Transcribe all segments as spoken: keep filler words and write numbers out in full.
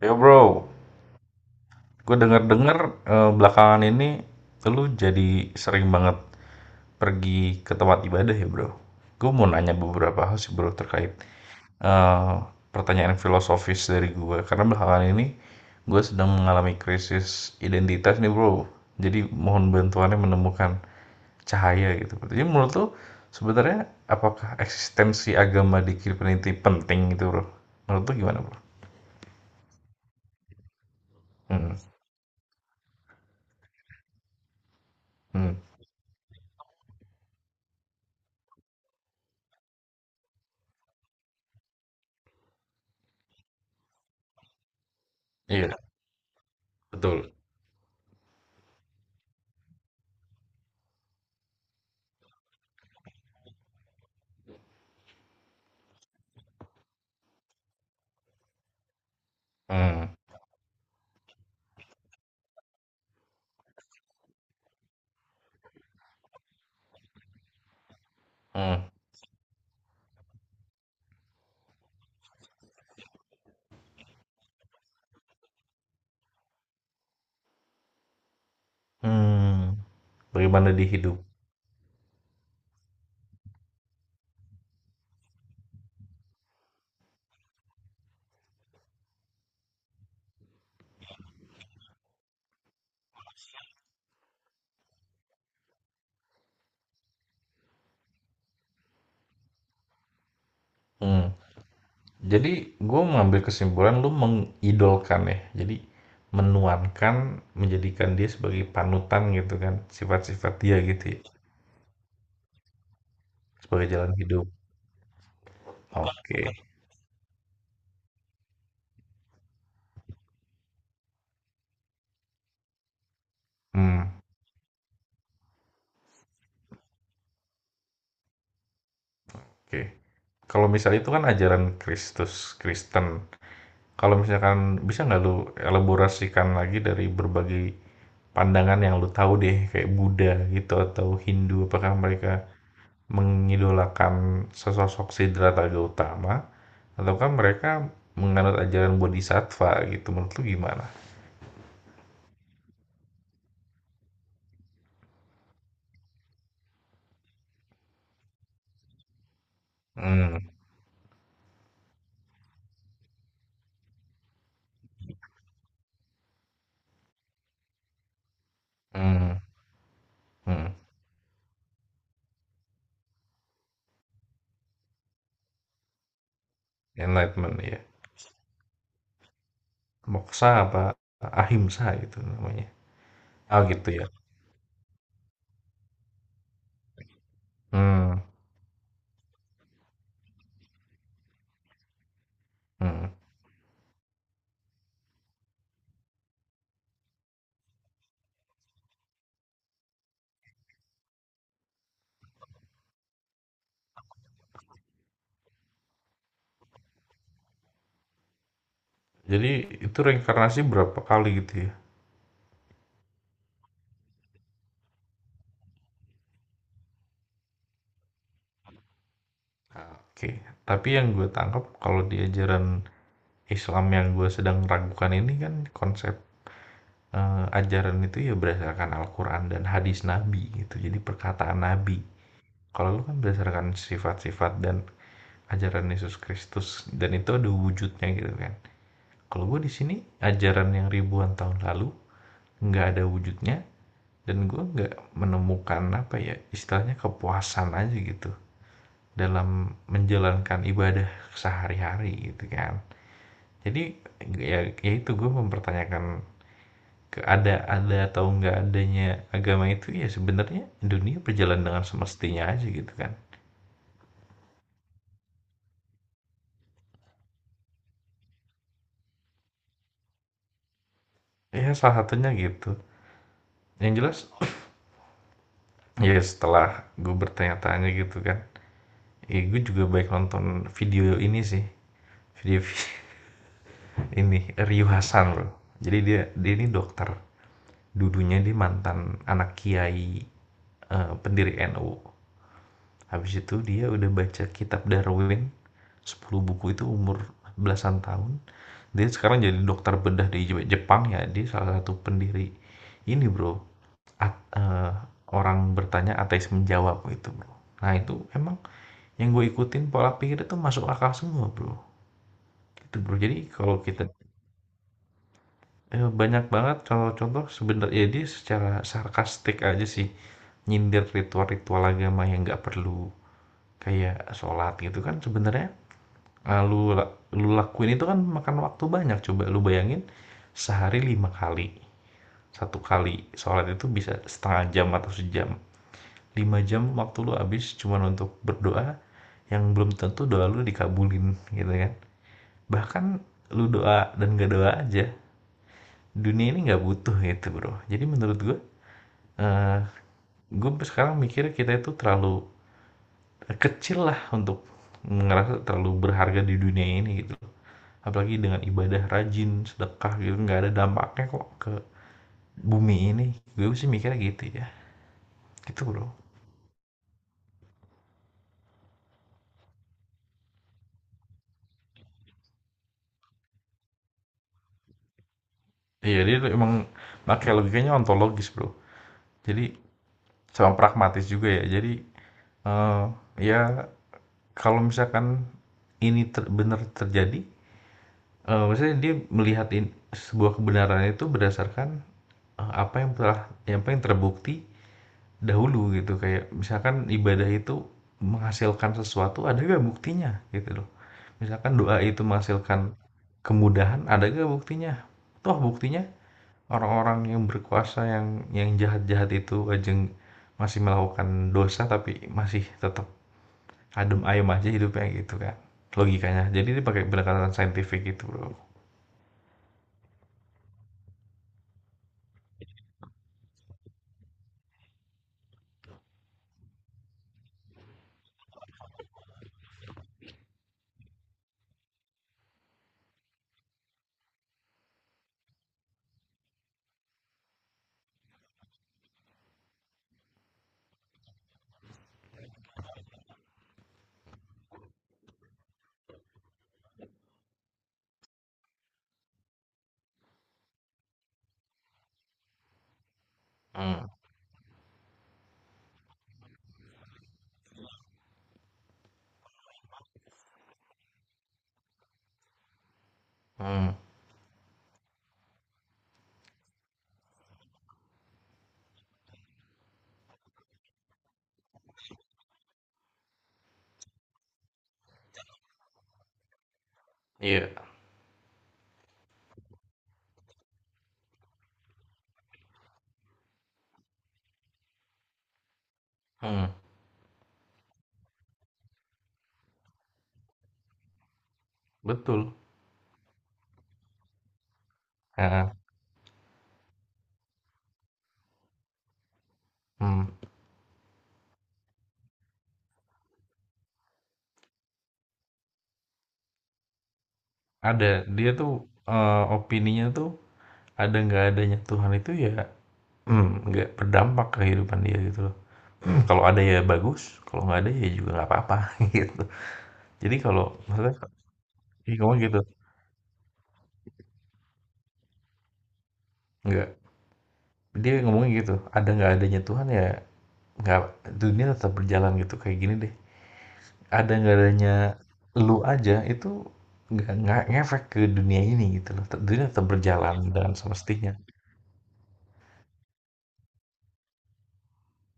Yo bro, gue denger-denger eh, belakangan ini lu jadi sering banget pergi ke tempat ibadah ya bro. Gue mau nanya beberapa hal sih bro terkait eh, pertanyaan filosofis dari gue. Karena belakangan ini gue sedang mengalami krisis identitas nih bro. Jadi mohon bantuannya menemukan cahaya gitu. Jadi menurut lu sebenarnya apakah eksistensi agama di kehidupan itu penting gitu bro? Menurut lu gimana bro? Hmm. Hmm. Iya, betul. Hmm. Hmm. Mmm, bagaimana di hidup. Mmm, jadi gue mengambil kesimpulan lu mengidolkan ya, jadi menuankan, menjadikan dia sebagai panutan gitu kan, sifat-sifat dia gitu ya, sebagai jalan hidup. Oke. Mmm. Oke. Kalau misalnya itu kan ajaran Kristus Kristen, kalau misalkan bisa nggak lu elaborasikan lagi dari berbagai pandangan yang lu tahu deh, kayak Buddha gitu atau Hindu, apakah mereka mengidolakan sesosok Siddhartha Gautama ataukah mereka menganut ajaran Bodhisattva gitu menurut lu gimana? Hmm. Hmm. Hmm. Enlightenment ya. Moksa apa ahimsa itu namanya. Ah gitu ya. Hmm. Hmm. Jadi itu reinkarnasi berapa kali gitu ya? Oke. Tapi yang gue tangkap kalau di ajaran Islam yang gue sedang ragukan ini kan konsep eh, ajaran itu ya berdasarkan Al-Quran dan hadis Nabi gitu. Jadi perkataan Nabi. Kalau lu kan berdasarkan sifat-sifat dan ajaran Yesus Kristus dan itu ada wujudnya gitu kan. Kalau gue di sini ajaran yang ribuan tahun lalu nggak ada wujudnya dan gue nggak menemukan apa ya istilahnya kepuasan aja gitu dalam menjalankan ibadah sehari-hari gitu kan. Jadi ya, ya itu gue mempertanyakan ada ada atau nggak adanya agama itu ya sebenarnya dunia berjalan dengan semestinya aja gitu kan. Ya salah satunya gitu yang jelas. Ya setelah gue bertanya-tanya gitu kan. Eh, gue juga baik nonton video ini sih. Video ini Ryu Hasan loh. Jadi dia dia ini dokter. Dudunya dia mantan anak kiai eh, pendiri N U. Habis itu dia udah baca kitab Darwin sepuluh buku itu umur belasan tahun. Dia sekarang jadi dokter bedah di Jepang ya. Dia salah satu pendiri ini bro. At- eh, Orang bertanya ateis menjawab gitu bro. Nah itu emang yang gue ikutin pola pikirnya tuh masuk akal semua, Bro. Gitu, Bro. Jadi kalau kita eh, banyak banget contoh-contoh sebenarnya dia secara sarkastik aja sih nyindir ritual-ritual agama yang nggak perlu kayak sholat gitu kan sebenarnya eh, lu lu lakuin itu kan makan waktu banyak coba lu bayangin sehari lima kali satu kali sholat itu bisa setengah jam atau sejam lima jam waktu lu habis cuman untuk berdoa yang belum tentu doa lu dikabulin gitu kan bahkan lu doa dan gak doa aja dunia ini nggak butuh gitu bro jadi menurut gue eh gue sekarang mikir kita itu terlalu kecil lah untuk ngerasa terlalu berharga di dunia ini gitu apalagi dengan ibadah rajin sedekah gitu nggak ada dampaknya kok ke bumi ini gue sih mikirnya gitu ya gitu bro. Iya dia emang makanya logikanya ontologis bro jadi sama pragmatis juga ya jadi eh, ya kalau misalkan ini ter- benar terjadi. Eee, maksudnya dia melihat in sebuah kebenaran itu berdasarkan, eee, apa yang telah apa yang terbukti dahulu gitu, kayak misalkan ibadah itu menghasilkan sesuatu, ada nggak buktinya? Gitu loh. Misalkan doa itu menghasilkan kemudahan, ada nggak buktinya? Toh buktinya orang-orang yang berkuasa, yang yang jahat-jahat itu ajeng masih melakukan dosa, tapi masih tetap adem ayem aja hidupnya gitu kan, logikanya. Jadi dia pakai pendekatan saintifik gitu, Bro. Mhm. Mhm. Iya. Mhm. Betul. Heeh. Mhm. Ada, dia tuh, eee, opininya tuh ada nggak adanya Tuhan itu ya, mmm, nggak berdampak ke kehidupan dia gitu loh. Kalau ada ya bagus, kalau nggak ada ya juga nggak apa-apa gitu. Jadi kalau maksudnya dia ngomong gitu, nggak dia ngomongnya gitu, ada nggak adanya Tuhan ya nggak dunia tetap berjalan gitu, kayak gini deh, ada nggak adanya lu aja itu nggak nggak ngefek ke dunia ini gitu loh, dunia tetap berjalan dengan semestinya.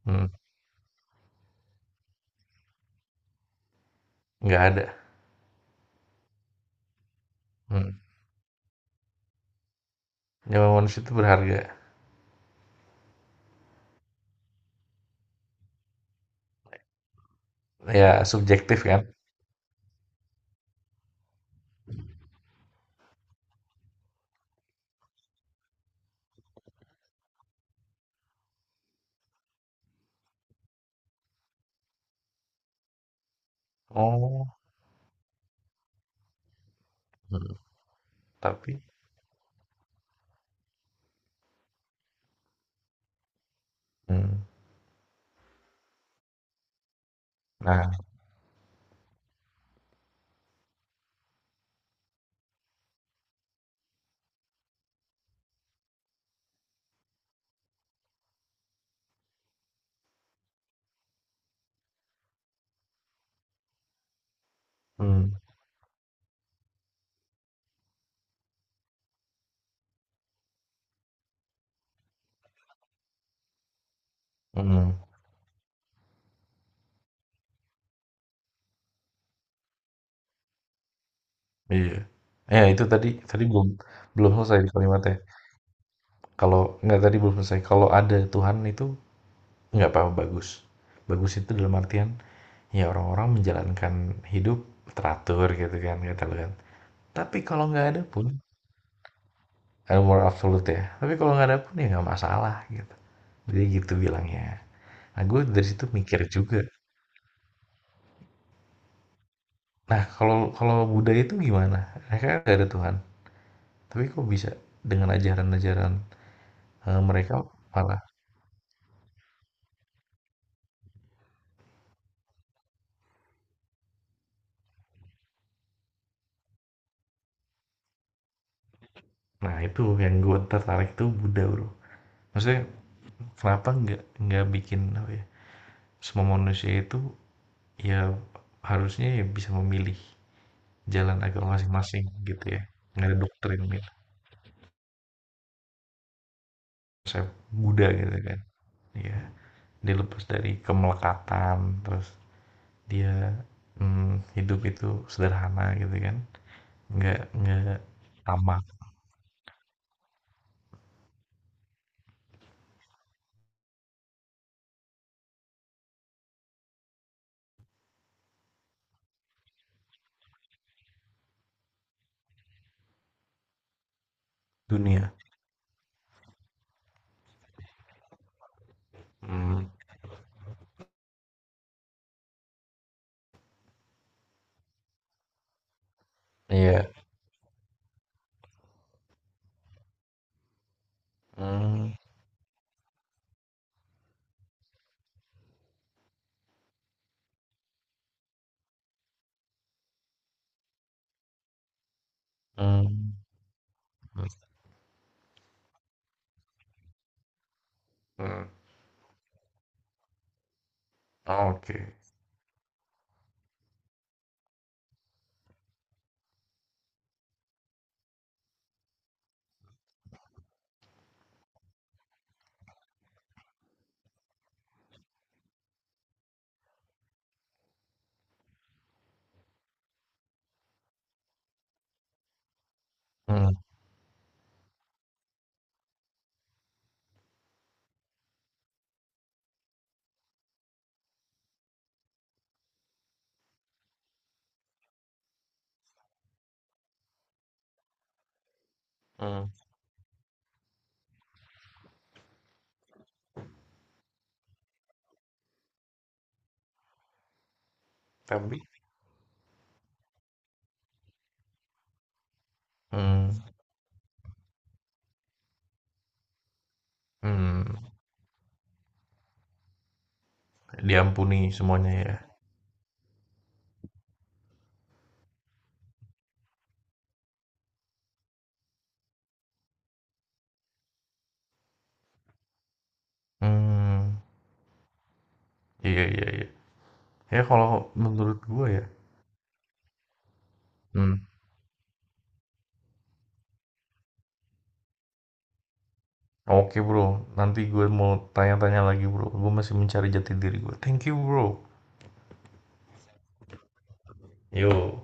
Mhm. Nggak ada. Mhm. Nyawa manusia itu berharga, ya subjektif kan? Oh. Mhm. Tapi mhm. Nah. Mhm. Mhm. Iya. Ya itu tadi tadi belum belum selesai di kalimatnya. Kalau nggak tadi belum selesai, kalau ada Tuhan itu nggak apa-apa bagus. Bagus itu dalam artian, ya orang-orang menjalankan hidup teratur gitu kan kata lu kan. Tapi kalau nggak ada pun ada moral absolute ya, tapi kalau nggak ada pun ya nggak masalah gitu. Jadi gitu bilangnya. Nah gue dari situ mikir juga. Nah, kalau kalau Buddha itu gimana? Mereka kan nggak ada Tuhan, tapi kok bisa dengan ajaran-ajaran eh, mereka malah. Nah, itu yang gue tertarik tuh Buddha, bro. Maksudnya kenapa nggak nggak bikin apa ya? Semua manusia itu ya harusnya ya bisa memilih jalan agama masing-masing gitu ya. Nggak ada doktrin gitu. Saya Buddha gitu kan. Ya, dia lepas dari kemelekatan, terus dia hmm, hidup itu sederhana gitu kan. Nggak nggak sama dunia. Mmm. Iya. Mmm. Mmm. Mhm. Mhm. Oke. Mhm. Mhm. Tapi mhm. Mhm, diampuni semuanya ya? Mmm. Iya iya iya. Ya kalau menurut gua ya. Mhm. Oke Bro, nanti gue mau tanya-tanya lagi Bro, gue masih mencari jati diri gue. Thank you Bro. Yo.